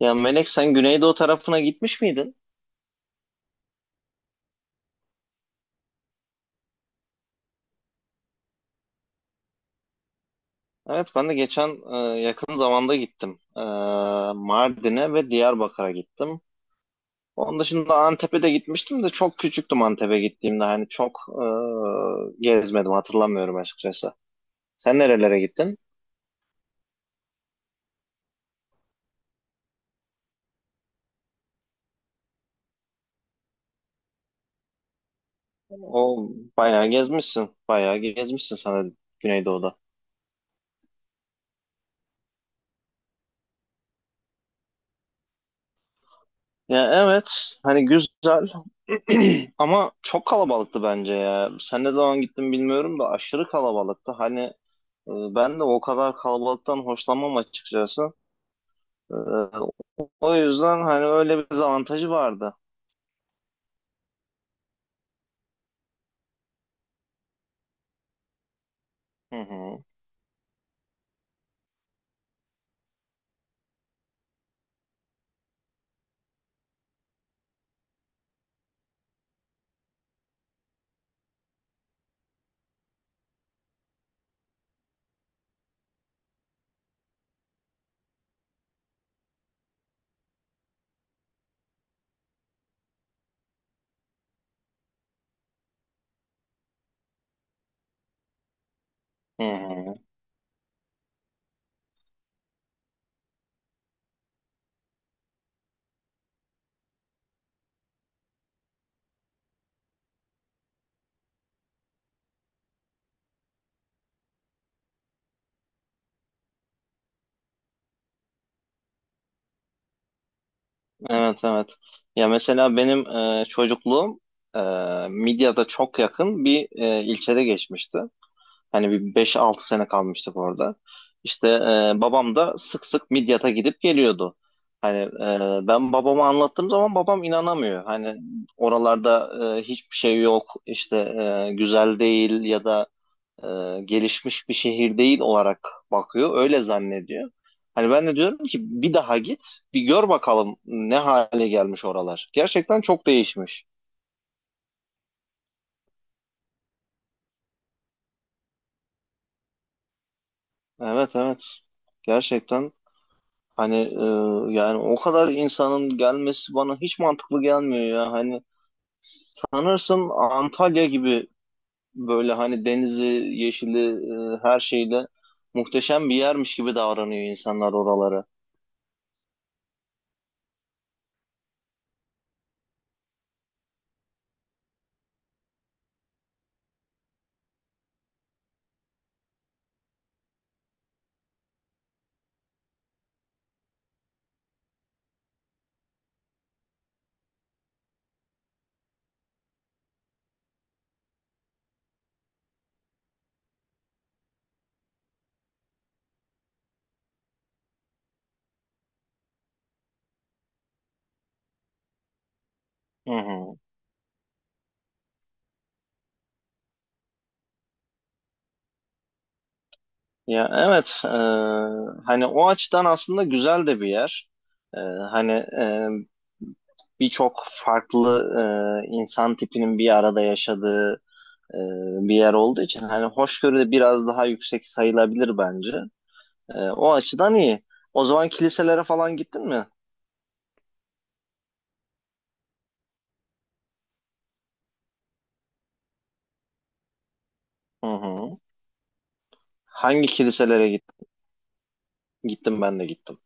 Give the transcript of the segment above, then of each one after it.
Ya Melek, sen Güneydoğu tarafına gitmiş miydin? Evet, ben de geçen yakın zamanda gittim. Mardin'e ve Diyarbakır'a gittim. Onun dışında Antep'e de gitmiştim de çok küçüktüm Antep'e gittiğimde. Hani çok gezmedim, hatırlamıyorum açıkçası. Sen nerelere gittin? O, bayağı gezmişsin. Bayağı gezmişsin sana Güneydoğu'da. Ya evet, hani güzel ama çok kalabalıktı bence ya. Sen ne zaman gittin bilmiyorum da aşırı kalabalıktı. Hani, ben de o kadar kalabalıktan hoşlanmam açıkçası. Ee, O yüzden hani öyle bir dezavantajı vardı. Hı hı, hı hı. Evet, evet. Ya mesela benim çocukluğum e, Midyat'a çok yakın bir ilçede geçmişti. Hani bir beş altı sene kalmıştık orada. İşte babam da sık sık Midyat'a gidip geliyordu. Hani, ben babama anlattığım zaman babam inanamıyor. Hani oralarda hiçbir şey yok, işte güzel değil ya da gelişmiş bir şehir değil olarak bakıyor. Öyle zannediyor. Hani ben de diyorum ki bir daha git, bir gör bakalım ne hale gelmiş oralar. Gerçekten çok değişmiş. Evet, evet. Gerçekten, hani, yani o kadar insanın gelmesi bana hiç mantıklı gelmiyor ya. Hani sanırsın Antalya gibi, böyle hani denizi, yeşili, her şeyle muhteşem bir yermiş gibi davranıyor insanlar oraları. Hı hı. Ya evet, hani o açıdan aslında güzel de bir yer. Hani birçok farklı insan tipinin bir arada yaşadığı e, bir yer olduğu için hani hoşgörü de biraz daha yüksek sayılabilir bence. O açıdan iyi. O zaman kiliselere falan gittin mi? Hı hı. Hangi kiliselere gittim, ben de gittim.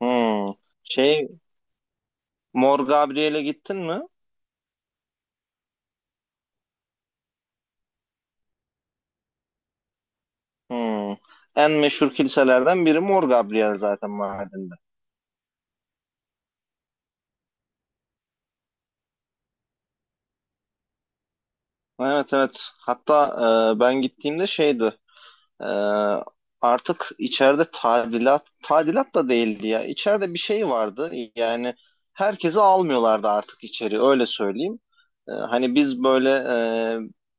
Hmm. Şey Mor Gabriel'e gittin mi? Hmm. En meşhur kiliselerden biri Mor Gabriel, zaten Mardin'de. Evet, evet. Hatta ben gittiğimde şeydi. e, Artık içeride tadilat da değildi ya. İçeride bir şey vardı. Yani herkesi almıyorlardı artık içeri. Öyle söyleyeyim. Hani biz böyle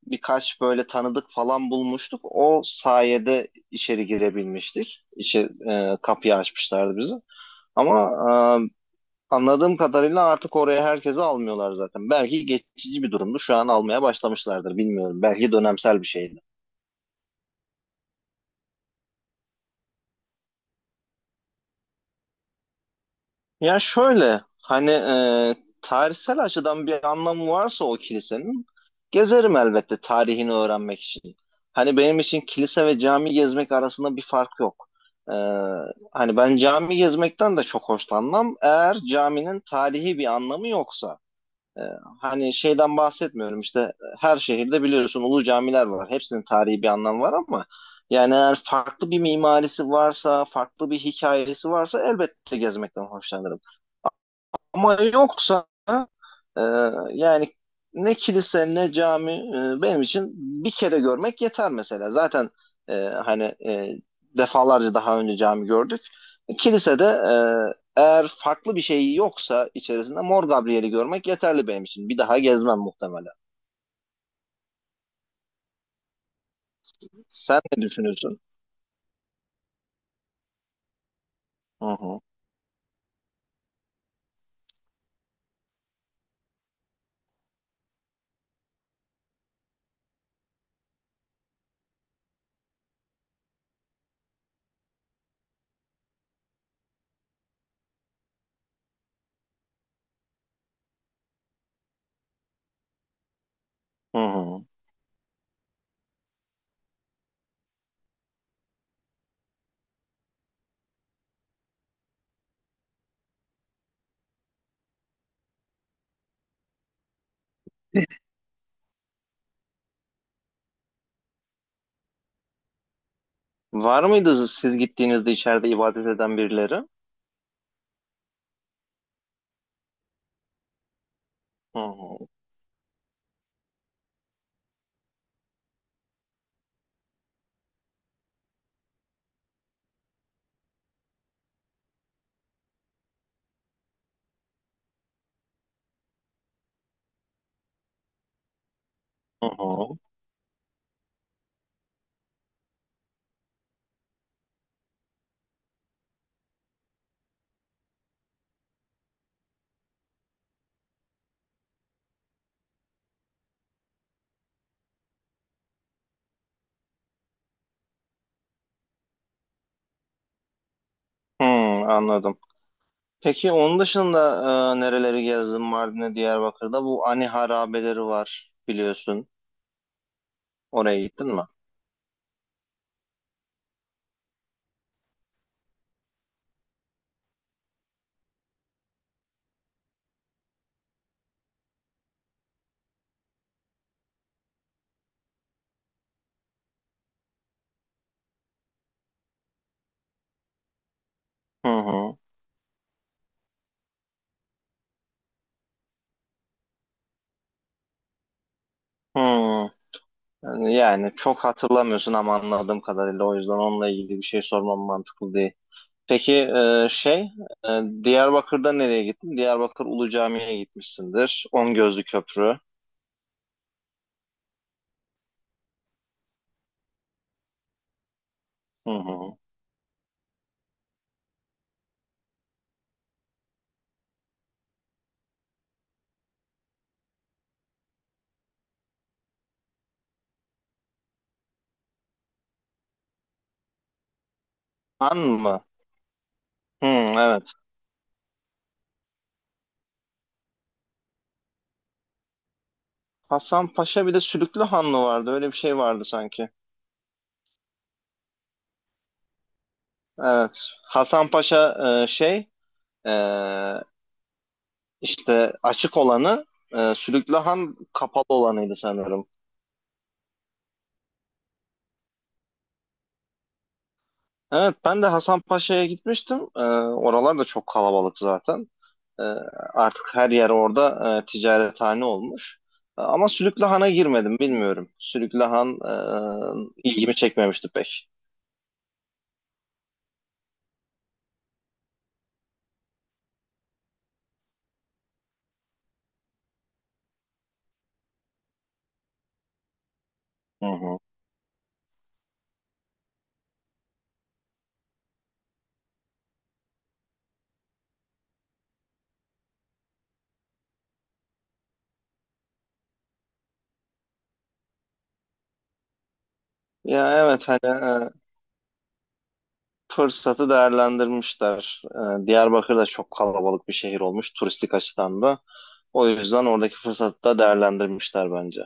birkaç böyle tanıdık falan bulmuştuk. O sayede içeri girebilmiştik. İçeri, kapıyı açmışlardı bizi. Ama e, anladığım kadarıyla artık oraya herkesi almıyorlar zaten. Belki geçici bir durumdu. Şu an almaya başlamışlardır. Bilmiyorum. Belki dönemsel bir şeydi. Ya, şöyle hani tarihsel açıdan bir anlamı varsa o kilisenin, gezerim elbette, tarihini öğrenmek için. Hani benim için kilise ve cami gezmek arasında bir fark yok. E, Hani ben cami gezmekten de çok hoşlanmam. Eğer caminin tarihi bir anlamı yoksa. Ee, Hani şeyden bahsetmiyorum, işte her şehirde biliyorsun ulu camiler var. Hepsinin tarihi bir anlamı var ama yani eğer farklı bir mimarisi varsa, farklı bir hikayesi varsa elbette gezmekten hoşlanırım. Ama yoksa, e, yani ne kilise ne cami, benim için bir kere görmek yeter mesela. Zaten e, hani defalarca daha önce cami gördük. Kilisede, eğer farklı bir şey yoksa içerisinde, Mor Gabriel'i görmek yeterli benim için. Bir daha gezmem muhtemelen. Sen ne düşünüyorsun? Hı hı. Hı hı. Var mıydı siz gittiğinizde içeride ibadet eden birileri? Hı hı. Hı hı. Hı, anladım. Peki onun dışında nereleri gezdin Mardin'e, Diyarbakır'da? Bu Ani harabeleri var, biliyorsun. Oraya gittin mi? Hı hı. Hı. Yani çok hatırlamıyorsun ama anladığım kadarıyla, o yüzden onunla ilgili bir şey sormam mantıklı değil. Peki, e, şey Diyarbakır'da nereye gittin? Diyarbakır Ulu Cami'ye gitmişsindir. On Gözlü Köprü. Hı hı. Han mı? Hı, evet. Hasan Paşa bir de Sülüklü Han mı vardı? Öyle bir şey vardı sanki. Evet. Hasan Paşa e, şey e, işte açık olanı, Sülüklü Han kapalı olanıydı sanırım. Evet, ben de Hasan Paşa'ya gitmiştim. Oralar da çok kalabalık zaten. E, Artık her yer orada ticarethane olmuş. Ama Sülüklü Han'a girmedim, bilmiyorum. Sülüklü Han ilgimi çekmemişti pek. Hı hı. Ya evet, hani e, fırsatı değerlendirmişler. Diyarbakır da çok kalabalık bir şehir olmuş turistik açıdan da. O yüzden oradaki fırsatı da değerlendirmişler bence.